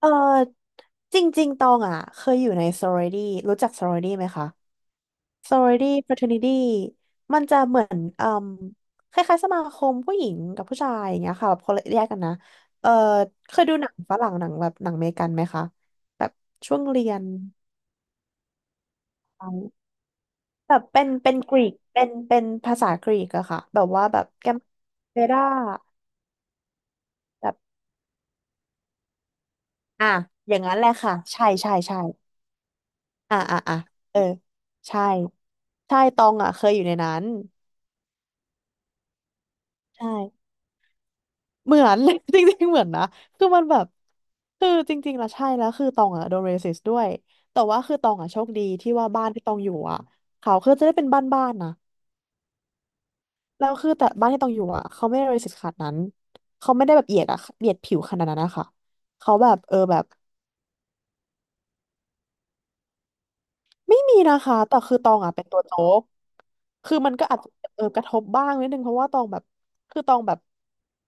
เออจริงๆตองอ่ะเคยอยู่ใน sorority รู้จัก sorority ไหมคะ sorority fraternity มันจะเหมือนเอ่มคล้ายๆสมาคมผู้หญิงกับผู้ชายอย่างเงี้ยค่ะแบบคนละแยกกันนะเออเคยดูหนังฝรั่งหนังแบบหนังอเมริกันไหมคะแบบช่วงเรียนแบบเป็นกรีกเป็นภาษากรีกอะค่ะแบบว่าแบบแกมเบด้าแบบอ่ะอย่างนั้นแหละค่ะใช่ใช่ใช่ อ่าอ่าอ่าเออใช่ใช่ตองอ่ะเคยอยู่ในนั้นใช่เหมือน จริงๆเหมือนนะคือมันแบบคือจริงๆแล้วใช่แล้วคือตองอ่ะโดนเรสิสด้วยแต่ว่าคือตองอ่ะโชคดีที่ว่าบ้านที่ตองอยู่อ่ะเขาคือจะได้เป็นบ้านนะแล้วคือแต่บ้านที่ตองอยู่อ่ะเขาไม่ได้เรสิสขนาดนั้นเขาไม่ได้แบบเหยียดอ่ะเหยียดผิวขนาดนั้นนะคะเขาแบบอแบบ ไม่มีนะคะ แต่คือตองอ่ะเป็นตัวโจ๊กคือมันก็อาจจะกระทบบ้างนิดนึงเพราะว่าตองแบบคือตองแบบ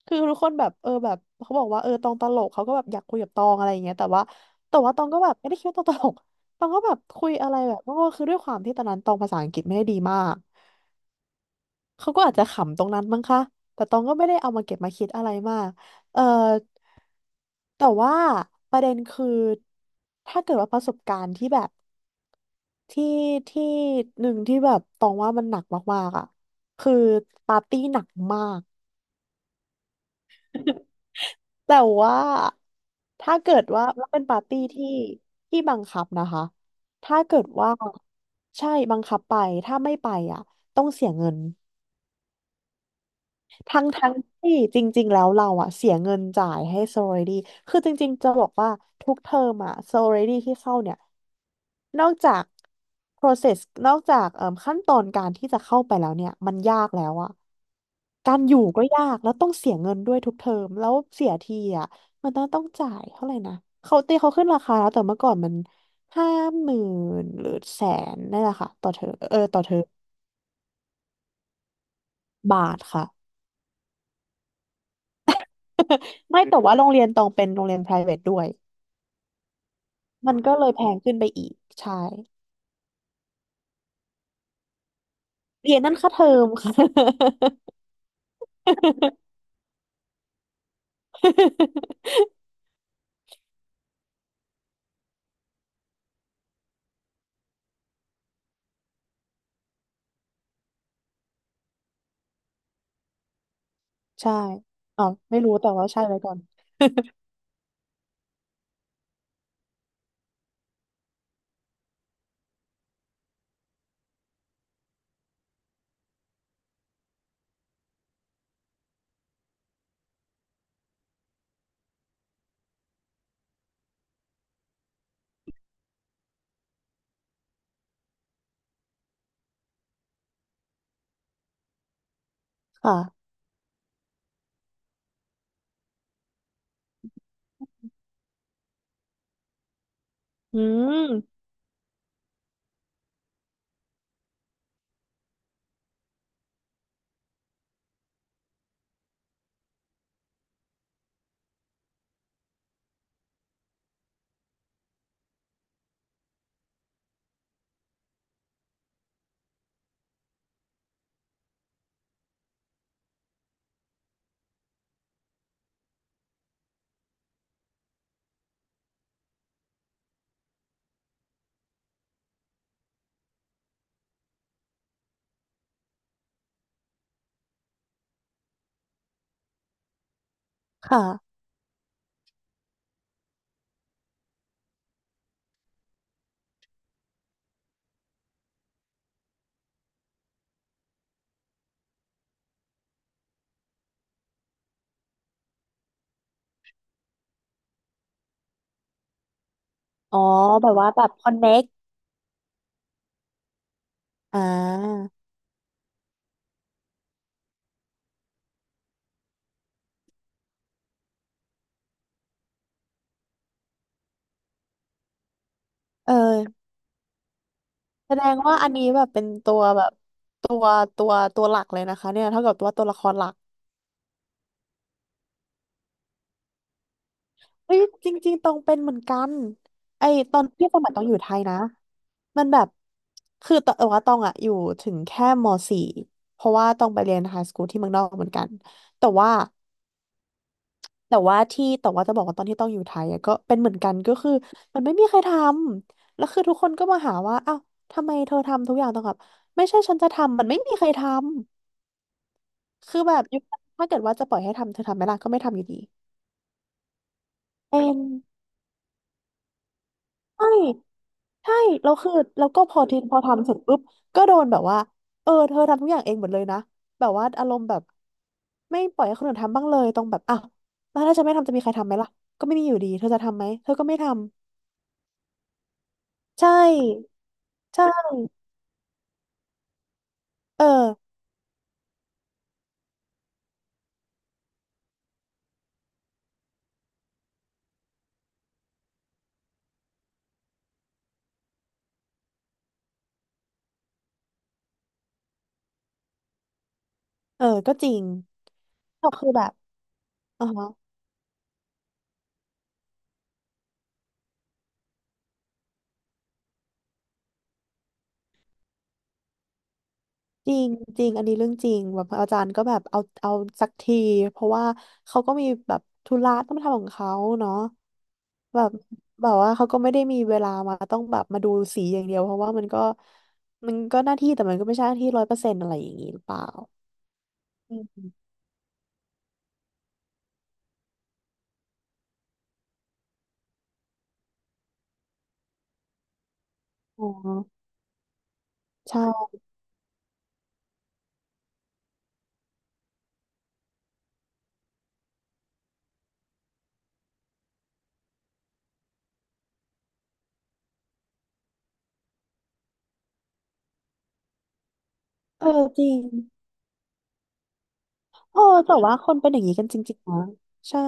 คือทุกคนแบบแบบเขาบอกว่าตองตลกเขาก็แบบอยากคุยกับตองอะไรอย่างเงี้ยแต่ว่าตองก็แบบไม่ได้คิดว่าตองตลกตองก็แบบคุยอะไรแบบก็คือด้วยความที่ตอนนั้นตองภาษาอังกฤษไม่ได้ดีมากเขาก็อาจจะขำตรงนั้นมั้งคะแต่ตองก็ไม่ได้เอามาเก็บมาคิดอะไรมากเออแต่ว่าประเด็นคือถ้าเกิดว่าประสบการณ์ที่แบบ ที่ที่หนึ่งที่แบบตองว่ามันหนักมากๆอ่ะคือปาร์ตี้หนักมาก แต่ว่าถ้าเกิดว่าแล้วเป็นปาร์ตี้ที่บังคับนะคะถ้าเกิดว่าใช่บังคับไปถ้าไม่ไปอ่ะต้องเสียเงิน ทั้งที่จริงๆ แล้วเราอะเสียเงินจ่ายให้ sorority คือจริงๆ จะบอกว่าทุกเทอมอะ sorority ที่เข้าเนี่ยนอกจาก process นอกจากเอ่มขั้นตอนการที่จะเข้าไปแล้วเนี่ยมันยากแล้วอะการอยู่ก็ยากแล้วต้องเสียเงินด้วยทุกเทอมแล้วเสียทีอะมันต้องจ่ายเท่าไหร่นะเขาตีเขาขึ้นราคาแล้วแต่เมื่อก่อนมันห้าหมื่นหรือแสนนี่นแหละค่ะต่อเทอมเออต่อเทอมบาทค่ะ ไม่แต่ว่าโรงเรียนตองเป็นโรงเรียน private ด้วย มันก็เลยแพงขึ้นไปอีกใช่เรียนนั่นค่าเทอมค่ะ ใช่อ๋อไม่รู้แต่ว่าใช่ไว้ก่อนค่ะอืมค่ะอ๋อแบบว่าแบบคอนเน็กอ่าเออแสดงว่าอันนี้แบบเป็นตัวแบบตัวตัวหลักเลยนะคะเนี่ยเท่ากับว่าตัวละครหลัก เฮ้ยจริงๆตองเป็นเหมือนกันไอตอนที่สมัยตองอยู่ไทยนะมันแบบคือตองว่าตองอะอยู่ถึงแค่ม .4 เพราะว่าตองไปเรียนไฮสคูลที่เมืองนอกเหมือนกันแต่ว่าแต่ว่าที่แต่ว่าจะบอกว่าตอนที่ต้องอยู่ไทยอะก็เป็นเหมือนกันก็คือมันไม่มีใครทำแล้วคือทุกคนก็มาหาว่าอ้าวทำไมเธอทำทุกอย่างตองแบบไม่ใช่ฉันจะทำมันไม่มีใครทำคือแบบยุคนั้นถ้าเกิดว่าจะปล่อยให้ทำเธอทำไหมล่ะก็ไม่ทำอยู่ดีเป็น ใช่ใช่แล้วคือแล้วก็พอทีพอทำเสร็จปุ๊บก็โดนแบบว่าเออเธอทำทุกอย่างเองหมดเลยนะแบบว่าอารมณ์แบบไม่ปล่อยให้คนอื่นทำบ้างเลยตรงแบบอ้าวแล้วถ้าฉันไม่ทำจะมีใครทำไหมล่ะก็ไม่มีอยู่ดีเธอจะทำไหมเธอก็ไม่ทำใช่ใช่เออเออก็จริงก็คือแบบอ๋อ จริงจริงอันนี้เรื่องจริงแบบอาจารย์ก็แบบเอาสักทีเพราะว่าเขาก็มีแบบธุระต้องทำของเขาเนาะแบบแบบว่าเขาก็ไม่ได้มีเวลามาต้องแบบมาดูสีอย่างเดียวเพราะว่ามันก็หน้าที่แต่มันก็ไม่ใช่หน้าที่ร้อยเปอร์เซ็นต์อะไรอย่างนี้หรือเปล่าอืมอ๋อใช่เออจริงโอ้แต่ว่าคนเป็นอย่างนี้กันจริงๆนะใช่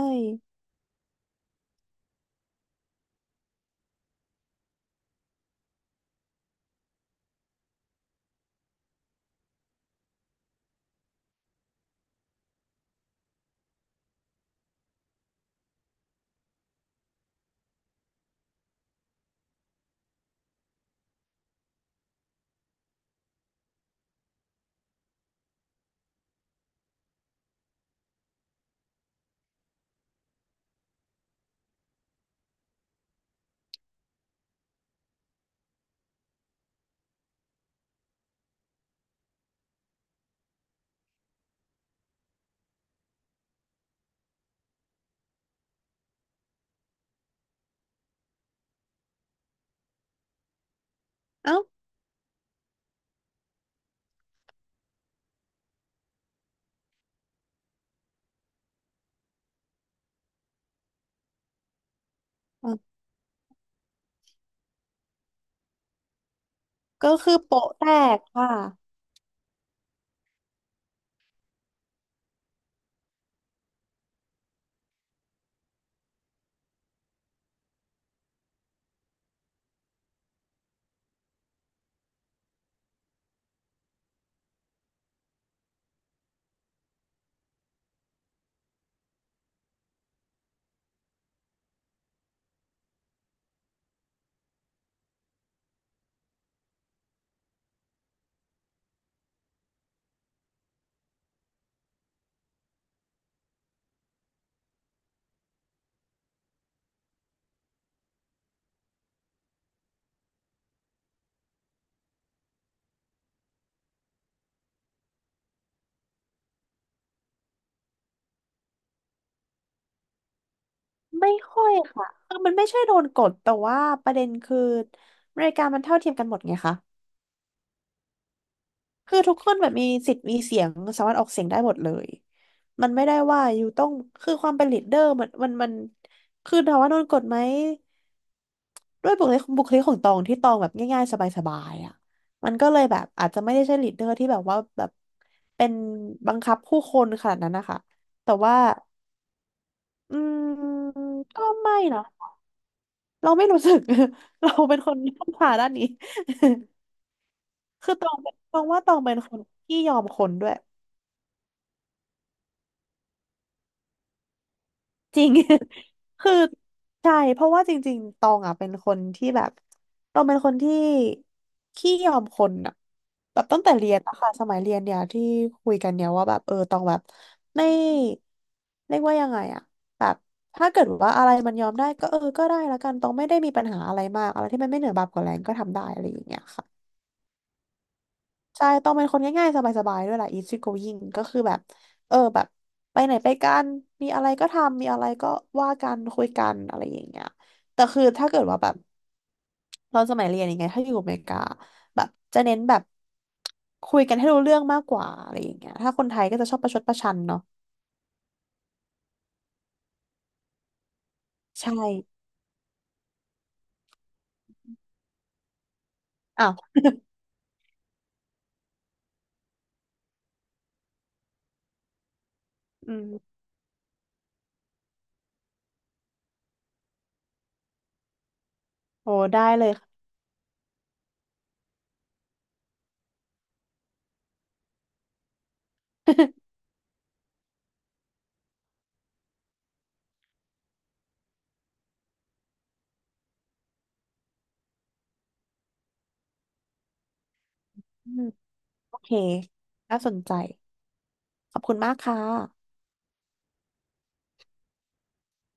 เอ้าอ่ะก็คือโปะแตกค่ะ ไม่ค่อยค่ะคือมันไม่ใช่โดนกดแต่ว่าประเด็นคืออเมริกามันเท่าเทียมกันหมดไงคะคือทุกคนแบบมีสิทธิ์มีเสียงสามารถออกเสียงได้หมดเลยมันไม่ได้ว่าอยู่ต้องคือความเป็นลีดเดอร์มันคือถามว่าโดนกดไหมด้วยบุคลิกของตองที่ตองแบบง่ายๆสบายๆอ่ะมันก็เลยแบบอาจจะไม่ได้ใช่ลีดเดอร์ที่แบบว่าแบบเป็นบังคับผู้คนขนาดนั้นนะคะแต่ว่าอืมก็ไม่นะ เราไม่รู้สึก เราเป็นคนที่ต้องผ่าด้านนี้ คือตองเป็นตองว่าตองเป็นคนที่ยอมคนด้วย จริง คือใช่เพราะว่าจริงๆตองอ่ะเป็นคนที่แบบตองเป็นคนที่ขี้ยอมคนอ่ะแบบตั้งแต่เรียนอะค่ะสมัยเรียนเนี่ยที่คุยกันเนี่ยว่าแบบตองแบบไม่เรียกว่ายังไงอะแบบถ้าเกิดว่าอะไรมันยอมได้ก็ก็ได้ละกันตองไม่ได้มีปัญหาอะไรมากอะไรที่มันไม่เหนือบาปกว่าแรงก็ทำได้อะไรอย่างเงี้ยค่ะ ใช่ต้องเป็นคนง่ายๆสบายๆด้วยแหละ easy going ก็คือแบบ แบบไปไหนไปกัน มีอะไรก็ทำ มีอะไรก็ว่ากันคุยกันอะไรอย่างเงี้ยแต่คือถ้าเกิดว่าแบบเราสมัยเรียนอย่างเงี้ยถ้าอยู่อเมริกาแบบจะเน้นแบบคุยกันให้รู้เรื่องมากกว่าอะไรอย่างเงี้ยถ้าคนไทยก็จะชอบประชดประชันเนาะใช่อ้าวอืมโอ้ได้เลยค่ะ อืมโอเคน่าสนใจขอบคุณมากค่ะ